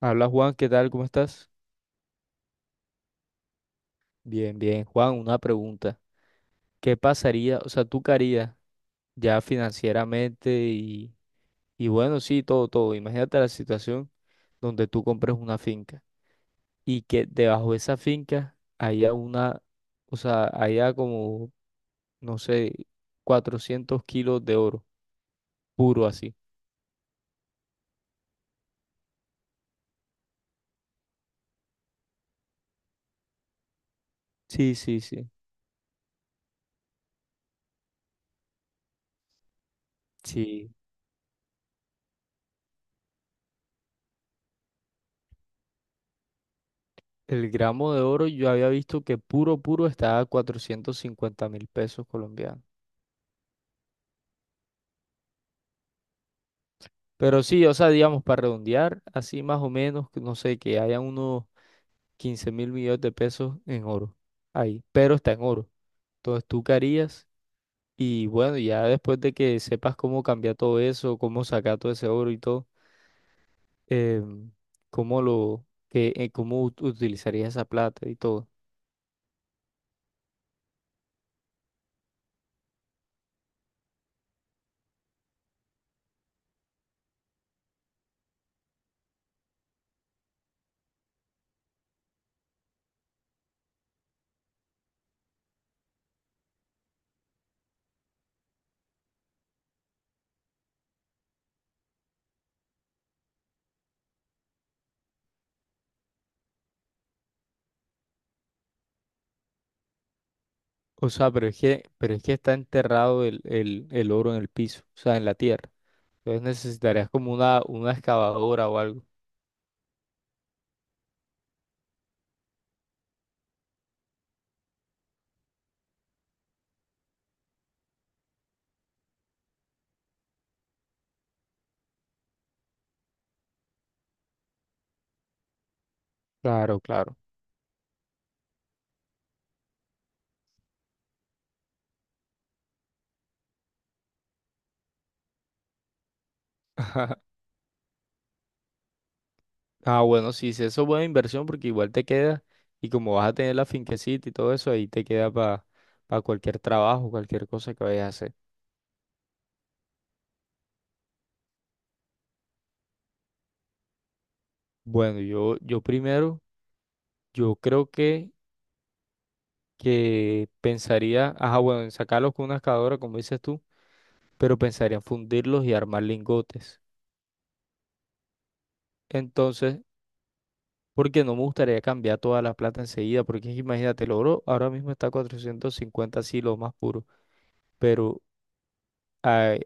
Habla Juan, ¿qué tal? ¿Cómo estás? Bien, bien. Juan, una pregunta. ¿Qué pasaría, o sea, tú qué harías ya financieramente y bueno, sí, todo. Imagínate la situación donde tú compres una finca y que debajo de esa finca haya una, o sea, haya como, no sé, 400 kilos de oro, puro así. Sí, sí, sí. Sí. El gramo de oro yo había visto que puro estaba a 450 mil pesos colombianos. Pero sí, o sea, digamos, para redondear, así más o menos, que no sé, que haya unos 15.000.000.000 de pesos en oro ahí, pero está en oro. Entonces tú qué harías y bueno, ya después de que sepas cómo cambiar todo eso, cómo sacar todo ese oro y todo, em, cómo lo, que, cómo utilizarías esa plata y todo. O sea, pero es que está enterrado el oro en el piso, o sea, en la tierra. Entonces necesitarías como una excavadora o algo. Claro, claro. Ah, bueno, sí, sí, eso es buena inversión porque igual te queda y como vas a tener la finquecita y todo eso, ahí te queda para cualquier trabajo, cualquier cosa que vayas a hacer. Bueno, yo primero, yo creo que, pensaría, ajá, bueno, en sacarlos con una excavadora, como dices tú, pero pensaría en fundirlos y armar lingotes. Entonces, porque no me gustaría cambiar toda la plata enseguida, porque es que imagínate, el oro ahora mismo está a 450 así, lo más puro, pero ah,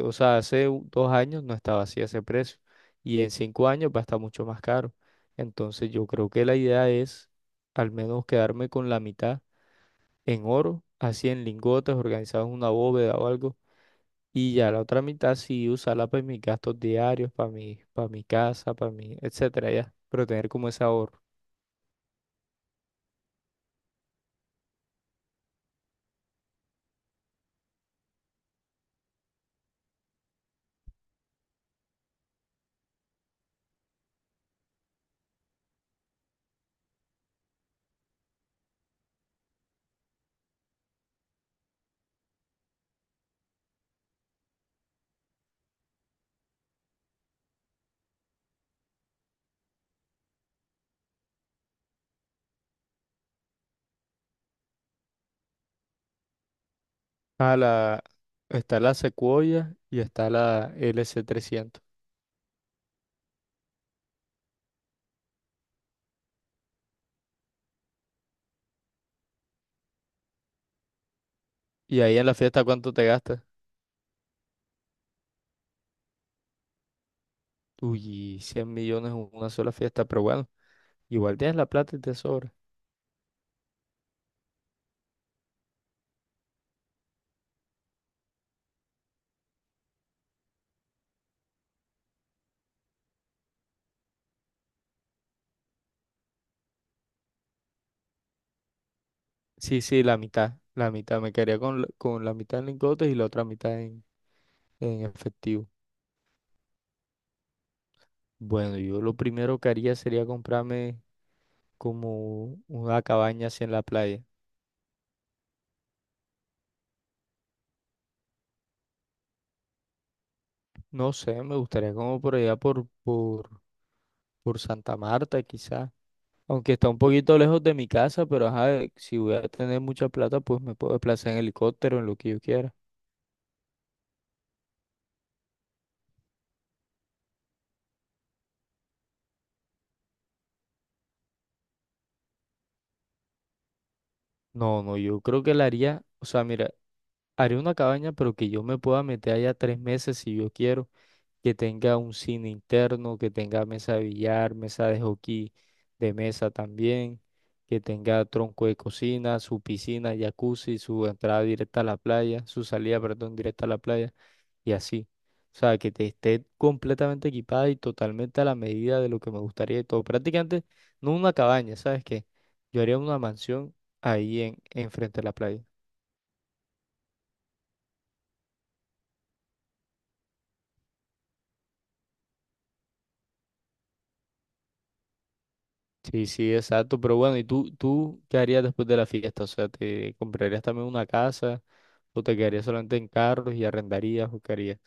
o sea, hace 2 años no estaba así ese precio y en 5 años va a estar mucho más caro. Entonces yo creo que la idea es al menos quedarme con la mitad en oro, así en lingotes, organizados en una bóveda o algo, y ya la otra mitad sí usarla para mis gastos diarios, para mi casa, para mi, etcétera, ya, pero tener como ese ahorro. A la, está la Sequoia y está la LC 300. Y ahí en la fiesta, ¿cuánto te gastas? Uy, 100.000.000 en una sola fiesta, pero bueno, igual tienes la plata y te sobra. Sí, sí, la mitad. Me quedaría con, con la mitad en lingotes y la otra mitad en efectivo. Bueno, yo lo primero que haría sería comprarme como una cabaña así en la playa. No sé, me gustaría como por allá por Santa Marta quizás. Aunque está un poquito lejos de mi casa, pero ajá, si voy a tener mucha plata, pues me puedo desplazar en helicóptero, en lo que yo quiera. No, no, yo creo que la haría, o sea, mira. Haré una cabaña, pero que yo me pueda meter allá 3 meses si yo quiero, que tenga un cine interno, que tenga mesa de billar, mesa de hockey de mesa también, que tenga tronco de cocina, su piscina, jacuzzi, su entrada directa a la playa, su salida, perdón, directa a la playa y así. O sea, que te esté completamente equipada y totalmente a la medida de lo que me gustaría y todo. Prácticamente no una cabaña, ¿sabes qué? Yo haría una mansión ahí en, enfrente de la playa. Sí, sí, exacto. Pero bueno, ¿y tú qué harías después de la fiesta? O sea, ¿te comprarías también una casa o te quedarías solamente en carros y arrendarías o qué harías?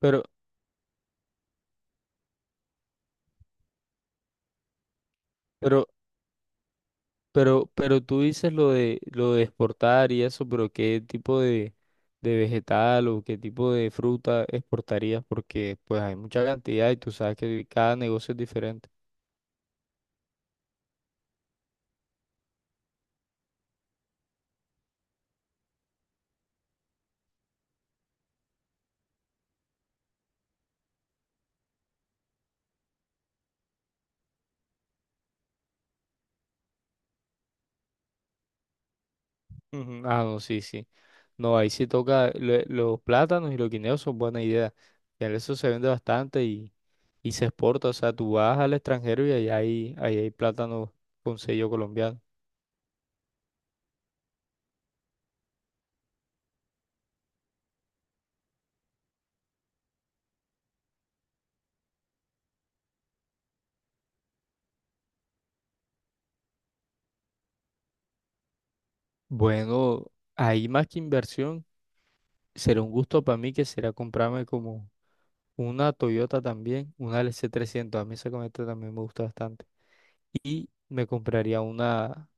Pero, pero, pero tú dices lo de exportar y eso, pero ¿qué tipo de vegetal o qué tipo de fruta exportarías? Porque pues hay mucha cantidad y tú sabes que cada negocio es diferente. Ujú. Ah, no, sí, sí. No, ahí sí toca los plátanos y los guineos son buena idea. Ya eso se vende bastante y se exporta. O sea, tú vas al extranjero y ahí hay plátano con sello colombiano. Bueno, ahí más que inversión, será un gusto para mí que será comprarme como una Toyota también, una LC 300. A mí esa camioneta también me gusta bastante. Y me compraría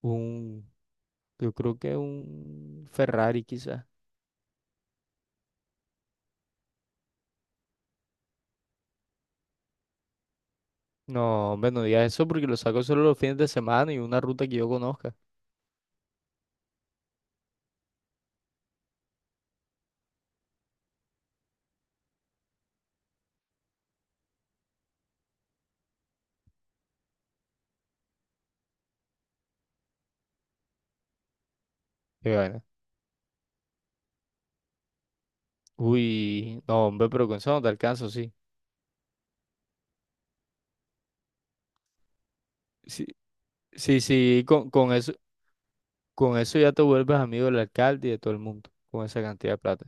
un, yo creo que un Ferrari quizás. No, hombre, no digas eso porque lo saco solo los fines de semana y una ruta que yo conozca. Qué vaina. Uy, no, hombre, pero con eso no te alcanzo, sí. Sí, sí, sí, con eso. Con eso ya te vuelves amigo del alcalde y de todo el mundo, con esa cantidad de plata.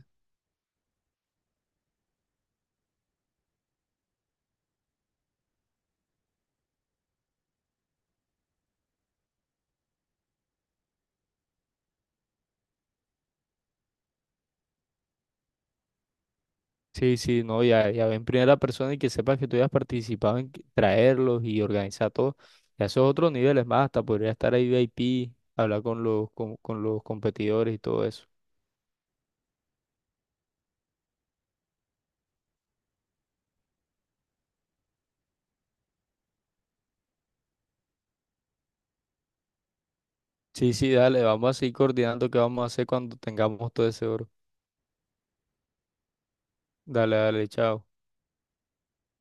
Sí, sí, no, ya, ya ven primera persona y que sepas que tú hayas participado en traerlos y organizar todo. Ya esos otros niveles más, hasta podría estar ahí VIP, hablar con los, con los competidores y todo eso. Sí, sí, dale, vamos a seguir coordinando qué vamos a hacer cuando tengamos todo ese oro. Dale, dale, chao.